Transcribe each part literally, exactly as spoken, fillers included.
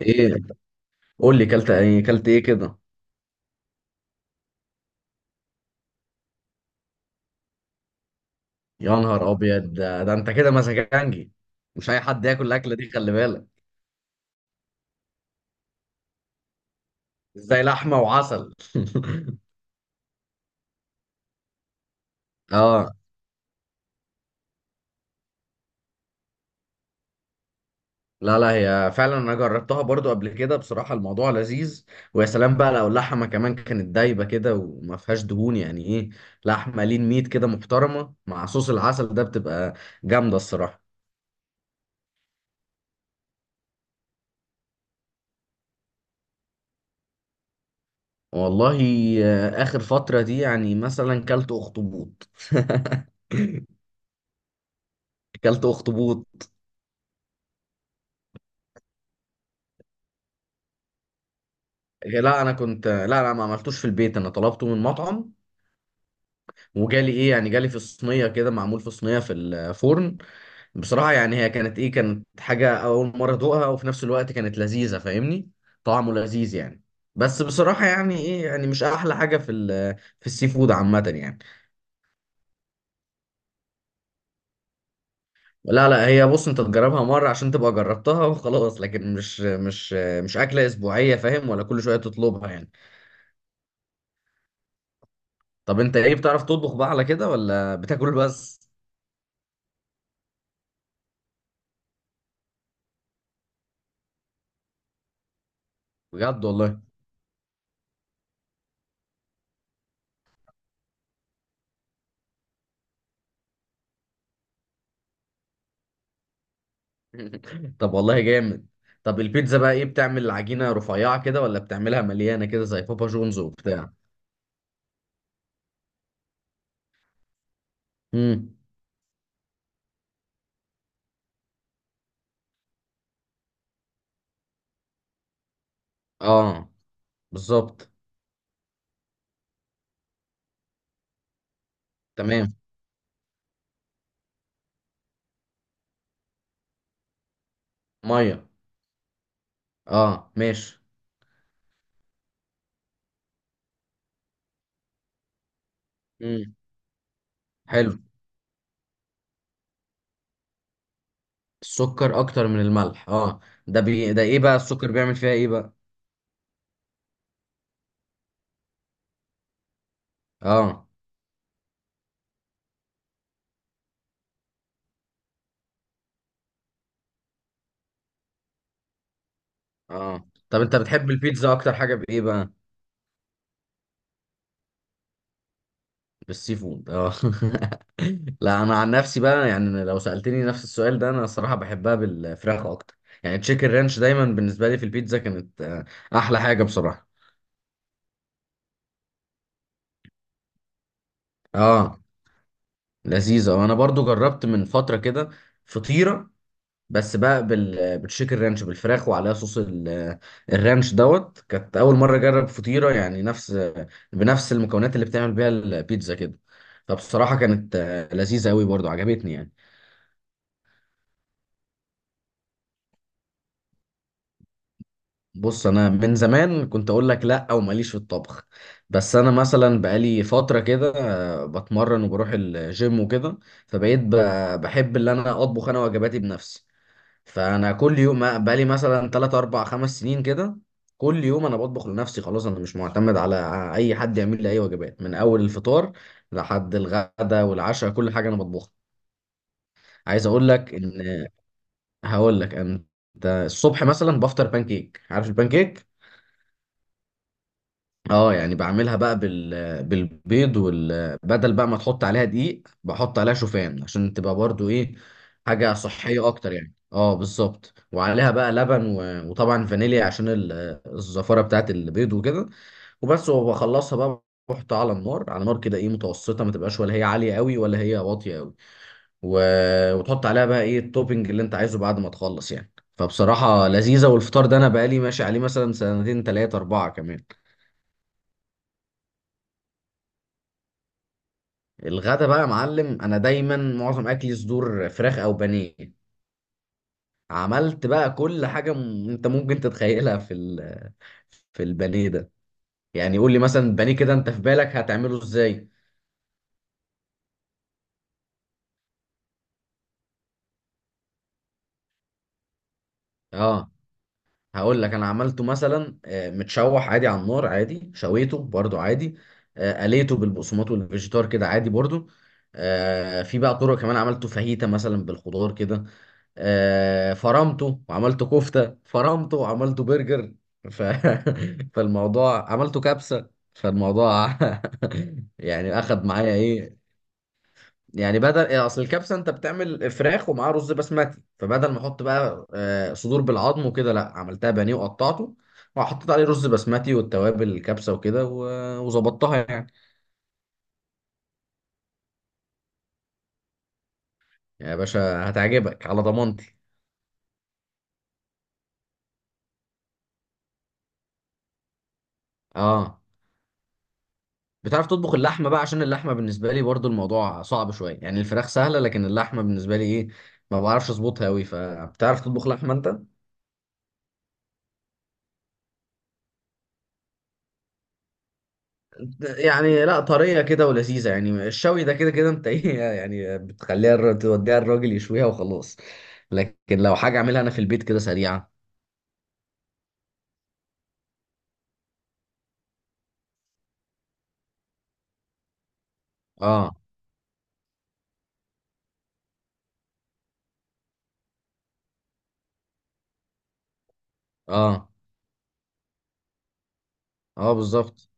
ايه. قول لي كلت ايه كلت ايه كده. يا نهار ابيض، ده, ده انت كده مسكنجي، مش اي حد ياكل الاكله دي خلي بالك. ازاي لحمه وعسل؟ اه. لا لا، هي فعلا انا جربتها برضو قبل كده، بصراحه الموضوع لذيذ. ويا سلام بقى لو اللحمه كمان كانت دايبه كده وما فيهاش دهون، يعني ايه لحمه لين ميت كده محترمه مع صوص العسل ده، بتبقى جامده الصراحه. والله آه، اخر فتره دي يعني مثلا كلت اخطبوط. كلت اخطبوط. لا، انا كنت لا لا، ما عملتوش في البيت، انا طلبته من مطعم. وجالي ايه يعني جالي في صينيه كده، معمول في صينيه في الفرن. بصراحه يعني هي كانت ايه، كانت حاجه اول مره ادوقها، وفي نفس الوقت كانت لذيذه فاهمني. طعمه لذيذ يعني. بس بصراحه يعني ايه، يعني مش احلى حاجه في ال- في السي فود عامه يعني. لا لا، هي بص، انت تجربها مره عشان تبقى جربتها وخلاص، لكن مش مش مش اكله اسبوعيه، فاهم ولا كل شويه تطلبها يعني. طب انت ايه، بتعرف تطبخ بقى على كده ولا بتاكل بس؟ بجد والله؟ طب والله جامد. طب البيتزا بقى ايه، بتعمل عجينة رفيعة كده ولا بتعملها مليانة كده زي بابا جونز وبتاع؟ امم. اه بالظبط. تمام. مية. اه ماشي. امم. حلو. السكر اكتر من الملح، اه. ده بي... ده ايه بقى السكر بيعمل فيها ايه بقى؟ اه. اه، طب انت بتحب البيتزا اكتر حاجة بايه بقى؟ بالسي فود، اه. لا انا عن نفسي بقى، يعني لو سألتني نفس السؤال ده، انا الصراحة بحبها بالفراخ اكتر. يعني تشيكن رانش دايما بالنسبة لي في البيتزا كانت آه، احلى حاجة بصراحة. اه، لذيذة. وانا برضو جربت من فترة كده فطيرة، بس بقى بال... بالتشيكن رانش بالفراخ، وعليها صوص ال... الرانش دوت، كانت اول مرة اجرب فطيرة يعني نفس آه، بنفس المكونات اللي بتعمل بيها البيتزا كده، فبصراحة كانت آه، لذيذة قوي، برضو عجبتني يعني. بص، انا من زمان كنت اقول لك لا، او ماليش في الطبخ، بس انا مثلا بقالي فتره كده آه، بتمرن وبروح الجيم وكده، فبقيت ب- بحب اللي انا اطبخ انا وجباتي بنفسي. فانا كل يوم، بقالي مثلا ثلاثة أربعة خمس سنين كده، كل يوم انا بطبخ لنفسي، خلاص انا مش معتمد على اي حد يعمل لي اي وجبات، من اول الفطار لحد الغدا والعشاء كل حاجه انا بطبخها. عايز اقول لك ان، هقول لك انت، الصبح مثلا بفطر بانكيك، عارف البانكيك؟ اه، يعني بعملها بقى بال... بالبيض وال... بدل بقى ما تحط عليها دقيق بحط عليها شوفان، عشان تبقى برضو ايه، حاجة صحية اكتر يعني، اه بالظبط. وعليها بقى لبن و... وطبعا فانيليا عشان ال... الزفارة بتاعت البيض وكده، وبس، وبخلصها بقى، بحطها على النار، على نار كده ايه، متوسطة، ما تبقاش ولا هي عالية قوي ولا هي واطية قوي، و... وتحط عليها بقى ايه التوبينج اللي انت عايزه بعد ما تخلص يعني. فبصراحة لذيذة، والفطار ده انا بقالي ماشي عليه مثلا سنتين تلاتة اربعة كمان. الغدا بقى يا معلم، انا دايما معظم اكلي صدور فراخ او بانيه. عملت بقى كل حاجه م- انت ممكن تتخيلها في ال- في البانيه ده. يعني قول لي مثلا البانيه كده، انت في بالك هتعمله ازاي؟ اه، هقول لك، انا عملته مثلا آه، متشوح عادي على النار عادي، شويته برضو عادي، آه، قليته بالبقسماط والفيجيتار كده عادي برضو، آه، في بقى طرق كمان، عملته فاهيتا مثلا بالخضار كده، آه، فرمته وعملته كفتة، فرمته وعملته برجر، ف... فالموضوع عملته كبسة، فالموضوع يعني اخد معايا ايه. يعني بدل، يعني اصل الكبسه انت بتعمل فراخ ومعاه رز بسمتي، فبدل ما احط بقى آه، صدور بالعظم وكده، لا عملتها بانيه وقطعته، وحطيت عليه رز بسمتي والتوابل الكبسه وكده، و- وظبطتها يعني. يا باشا هتعجبك على ضمانتي. اه، بتعرف تطبخ اللحمه بقى؟ عشان اللحمه بالنسبه لي برضو الموضوع صعب شويه، يعني الفراخ سهله لكن اللحمه بالنسبه لي ايه، ما بعرفش اظبطها قوي، فبتعرف تطبخ لحمه انت؟ يعني لا، طريه كده ولذيذه، يعني الشوي ده كده كده انت ايه يعني، بتخليها الر- توديها الراجل يشويها وخلاص، لكن لو حاجه اعملها انا في البيت كده سريعه. اه، اه، اه بالظبط.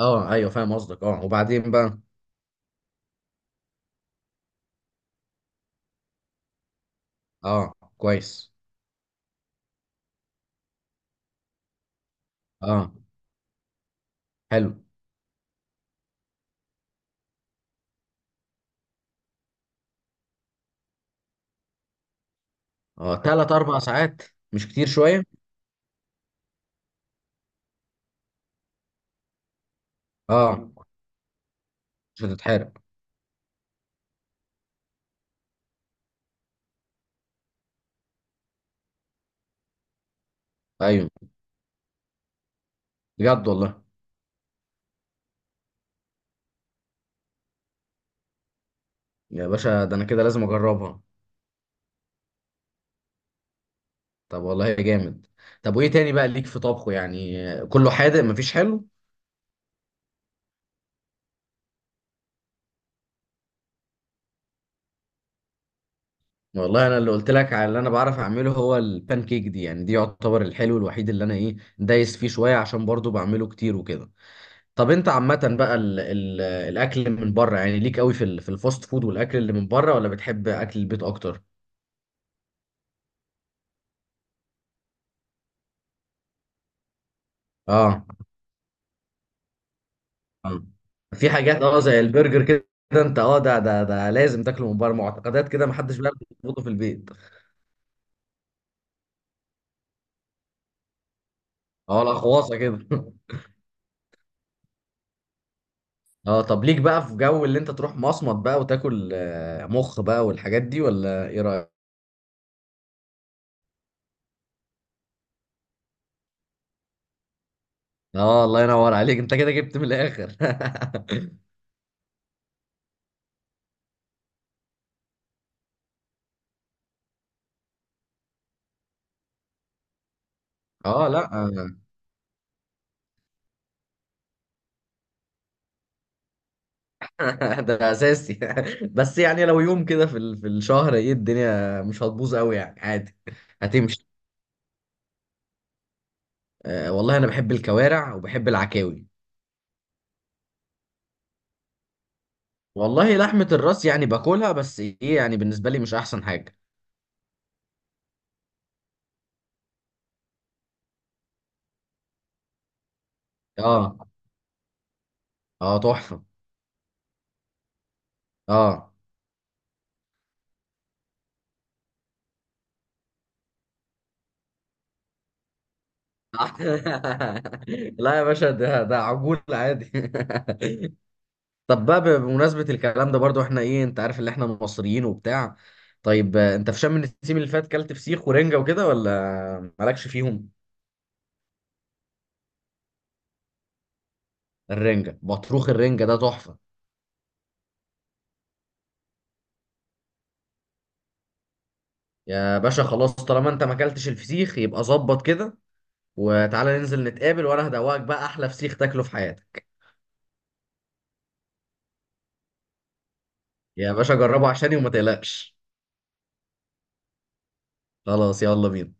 اه ايوه، فاهم قصدك. اه، وبعدين بقى؟ اه كويس. اه حلو. اه، تلات اربع ساعات؟ مش كتير شويه؟ اه، مش هتتحرق. ايوه، بجد والله؟ يا باشا ده انا كده لازم اجربها. طب والله جامد. طب وايه تاني بقى ليك في طبخه يعني؟ كله حادق مفيش حلو؟ والله انا اللي قلت لك على اللي انا بعرف اعمله هو البان كيك دي، يعني دي يعتبر الحلو الوحيد اللي انا ايه، دايس فيه شويه عشان برضو بعمله كتير وكده. طب انت عامه بقى، ال ال الاكل من بره يعني، ليك قوي في ال- في الفاست فود والاكل اللي من بره، ولا بتحب اكل البيت اكتر؟ اه. آه. في حاجات اه زي البرجر كده، انت اه ده ده ده لازم تاكله من بره، معتقدات كده محدش بيعرف يظبطه في البيت. اه، الاخواصه كده. اه، طب ليك بقى في جو اللي انت تروح مصمت بقى وتاكل آه، مخ بقى والحاجات دي، ولا ايه رايك؟ اه، الله ينور عليك، انت كده جبت من الاخر. اه لا. آه، ده اساسي. بس يعني لو يوم كده في ال- في الشهر، ايه، الدنيا مش هتبوظ قوي يعني، عادي. هتمشي. آه والله انا بحب الكوارع وبحب العكاوي. والله لحمة الراس يعني باكلها، بس ايه يعني بالنسبة لي مش احسن حاجة. اه. اه، تحفة. اه. لا يا باشا، ده ده عجول عادي. طب بقى بمناسبة الكلام ده برضو، احنا ايه، انت عارف اللي احنا مصريين وبتاع، طيب آه، انت في شم النسيم اللي فات كلت فسيخ ورنجة وكده ولا مالكش فيهم؟ الرنجة بطروخ، الرنجة ده تحفة. يا باشا خلاص، طالما انت ما اكلتش الفسيخ يبقى ظبط كده، وتعالى ننزل نتقابل وانا هدوقك بقى احلى فسيخ تاكله في حياتك. يا باشا جربه عشاني وما تقلقش. خلاص يلا بينا.